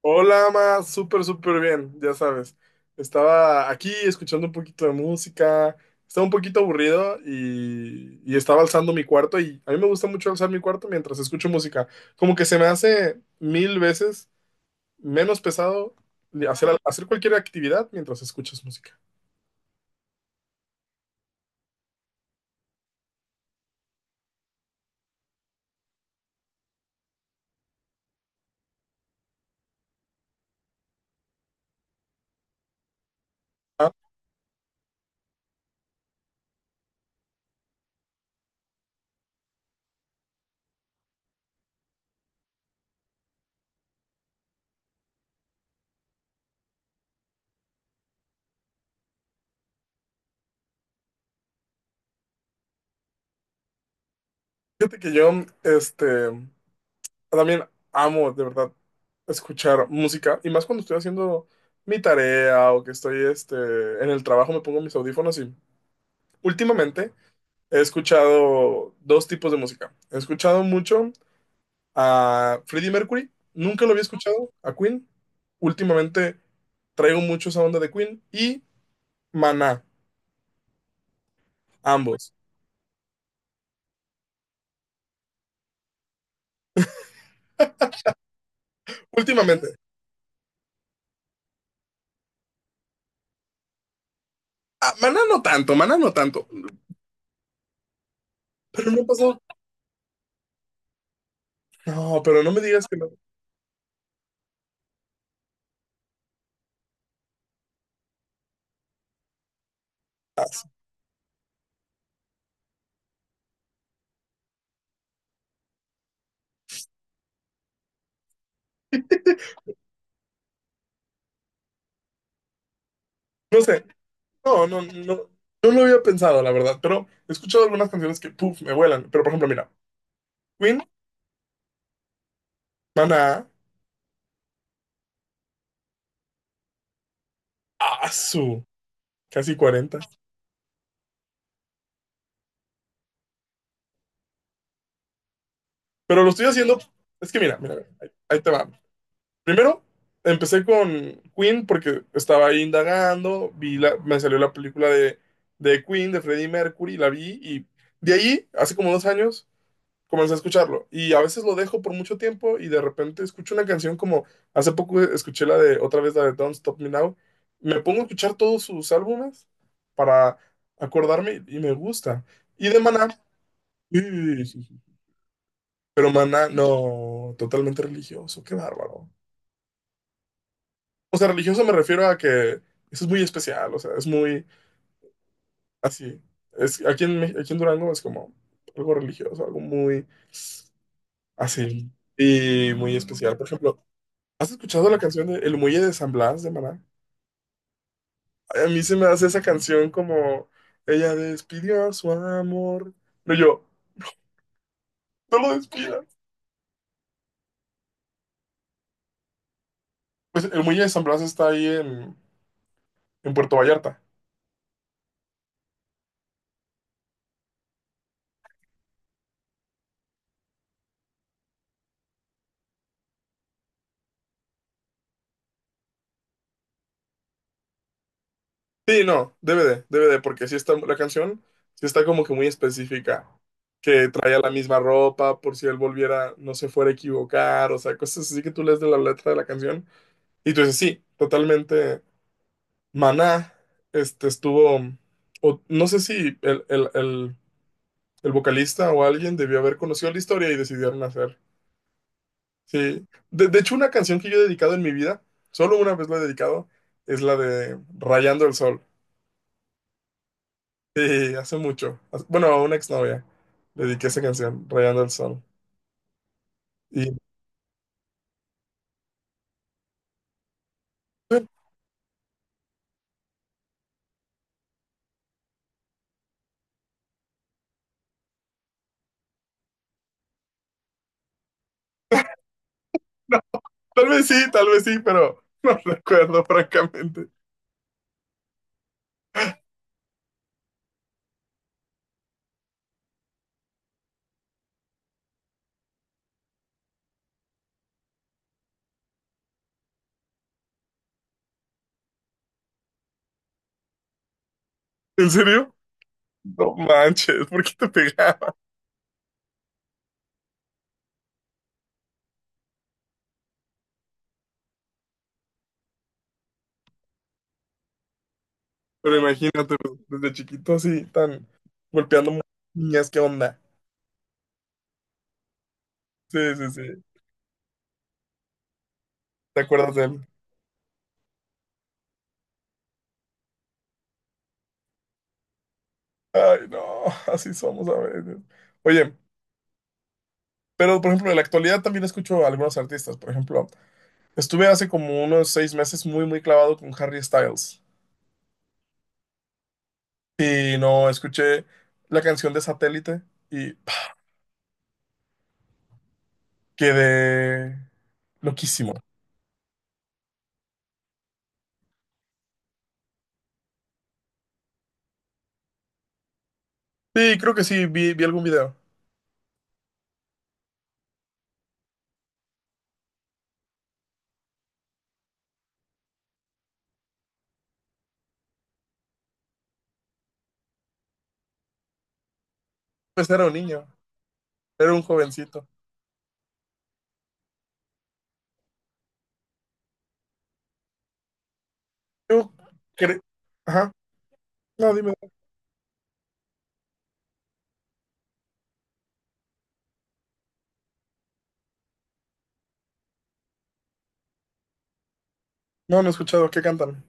Hola, ma, súper, súper bien, ya sabes. Estaba aquí escuchando un poquito de música, estaba un poquito aburrido y estaba alzando mi cuarto y a mí me gusta mucho alzar mi cuarto mientras escucho música. Como que se me hace 1.000 veces menos pesado hacer cualquier actividad mientras escuchas música. Ah, Fíjate que yo, este, también amo, de verdad, escuchar música y más cuando estoy haciendo mi tarea o que estoy, en el trabajo me pongo mis audífonos y... últimamente he escuchado dos tipos de música. He escuchado mucho a Freddie Mercury, nunca lo había escuchado, a Queen. Últimamente traigo mucho esa onda de Queen y Maná, ambos. Últimamente. Ah, Maná no tanto, pero no pasó. No, pero no me digas que no. Ah, sí. No sé, no, no, no, no lo había pensado, la verdad, pero he escuchado algunas canciones que, puff, me vuelan. Pero por ejemplo, mira, Queen, Maná, Asu, casi 40. Pero lo estoy haciendo. Es que ahí te va. Primero, empecé con Queen porque estaba ahí indagando, me salió la película de Queen, de Freddie Mercury, la vi y de ahí, hace como 2 años, comencé a escucharlo. Y a veces lo dejo por mucho tiempo y de repente escucho una canción como hace poco escuché la de otra vez la de Don't Stop Me Now. Me pongo a escuchar todos sus álbumes para acordarme y me gusta. Y de Maná, pero maná, no, totalmente religioso, qué bárbaro. O sea, religioso me refiero a que eso es muy especial, o sea, es muy así. Es, aquí en Durango es como algo religioso, algo muy así y muy especial. Por ejemplo, ¿has escuchado la canción de El Muelle de San Blas de Maná? Ay, a mí se me hace esa canción como ella despidió a su amor. Pero yo, no lo despidas. Pues El Muelle de San Blas está ahí en Puerto Vallarta. Sí, no, debe de, porque sí está la canción, sí está como que muy específica, que traía la misma ropa por si él volviera, no se fuera a equivocar, o sea, cosas así que tú lees de la letra de la canción y tú dices, sí, totalmente, Maná, este estuvo, o no sé si el vocalista o alguien debió haber conocido la historia y decidieron hacer, sí. De hecho, una canción que yo he dedicado en mi vida, solo una vez la he dedicado, es la de Rayando el Sol. Sí, hace mucho. Bueno, a una exnovia le dediqué esa canción, Rayando el Sol. Y no, tal vez sí, pero no recuerdo francamente. ¿En serio? No manches, ¿por qué te pegaba? Pero imagínate, pues, desde chiquito así, tan golpeando mu- niñas, ¿qué onda? Sí, sí, sí. ¿Te acuerdas de él? Ay, no, así somos a veces. Oye, pero por ejemplo, en la actualidad también escucho a algunos artistas. Por ejemplo, estuve hace como unos 6 meses muy, muy clavado con Harry Styles. Y no, escuché la canción de Satélite y pah, quedé loquísimo. Sí, creo que sí, vi algún video. Pues era un niño, era un jovencito. Yo cre- Ajá, no, dime. No, no he escuchado, ¿qué cantan?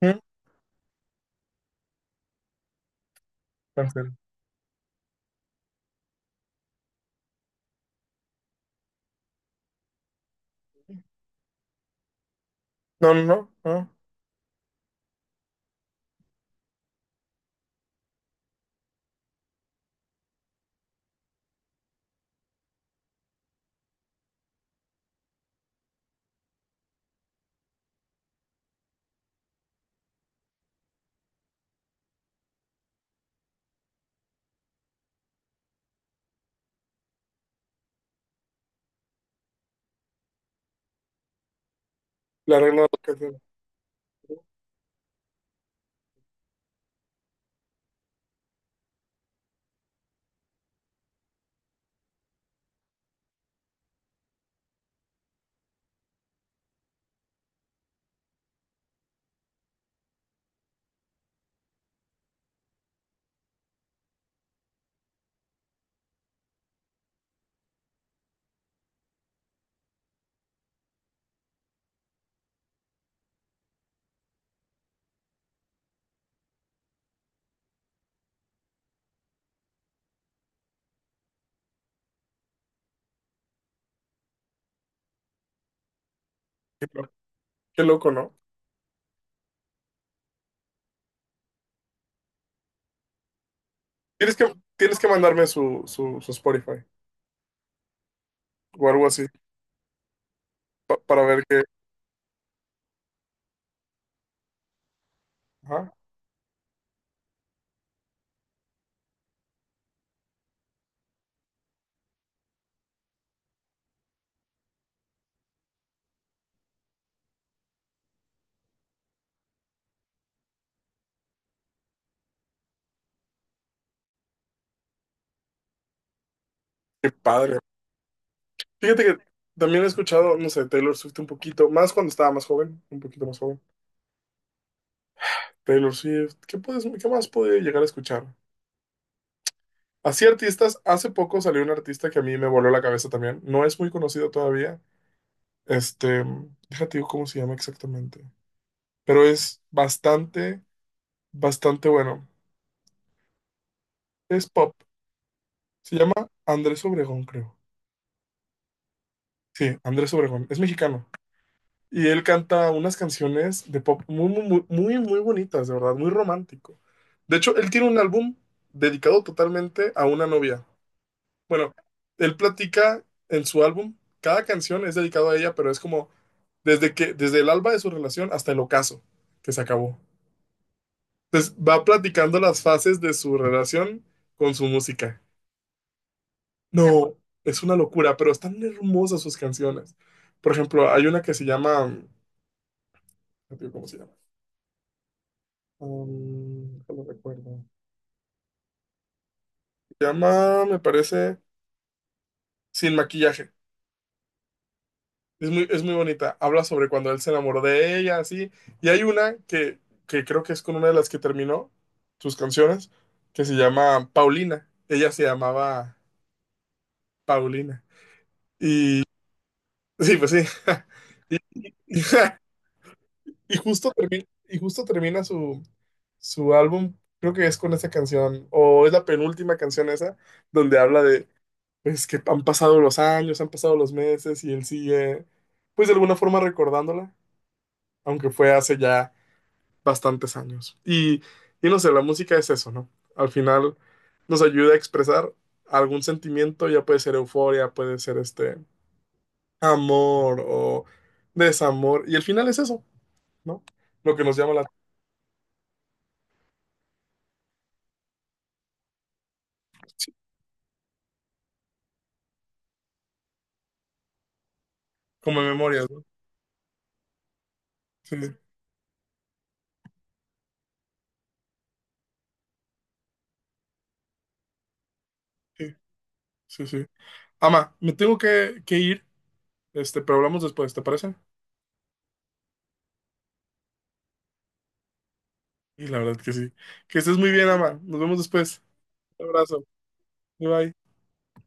¿Mm? No, en serio. No. La regla de la canción. Qué loco, ¿no? Tienes que mandarme su Spotify o algo así para ver qué. Ajá, qué padre. Fíjate que también he escuchado, no sé, Taylor Swift un poquito, más cuando estaba más joven, un poquito más joven. Taylor Swift, ¿qué más puede llegar a escuchar? Así artistas, hace poco salió un artista que a mí me voló la cabeza también. No es muy conocido todavía. Este, déjate digo cómo se llama exactamente. Pero es bastante, bastante bueno. Es pop. Se llama Andrés Obregón, creo. Sí, Andrés Obregón. Es mexicano. Y él canta unas canciones de pop muy bonitas, de verdad, muy romántico. De hecho, él tiene un álbum dedicado totalmente a una novia. Bueno, él platica en su álbum, cada canción es dedicado a ella, pero es como desde el alba de su relación hasta el ocaso que se acabó. Entonces va platicando las fases de su relación con su música. No, es una locura, pero están hermosas sus canciones. Por ejemplo, hay una que se llama, no digo ¿cómo se llama? No lo recuerdo. Se llama, me parece, Sin maquillaje. Es muy bonita. Habla sobre cuando él se enamoró de ella, así. Y hay una que creo que es con una de las que terminó sus canciones, que se llama Paulina. Ella se llamaba Paulina. Sí, pues sí. Y, y- y justo termina, y justo termina su álbum, creo que es con esa canción, o es la penúltima canción esa, donde habla de, pues, que han pasado los años, han pasado los meses y él sigue, pues, de alguna forma recordándola, aunque fue hace ya bastantes años. Y no sé, la música es eso, ¿no? Al final nos ayuda a expresar algún sentimiento, ya puede ser euforia, puede ser amor o desamor, y al final es eso, ¿no? Lo que nos llama la... como memorias, ¿no? Sí, sí, sí, sí. Ama, me tengo que ir, pero hablamos después, ¿te parece? Y la verdad que sí. Que estés muy bien, Ama. Nos vemos después. Un abrazo. Bye bye.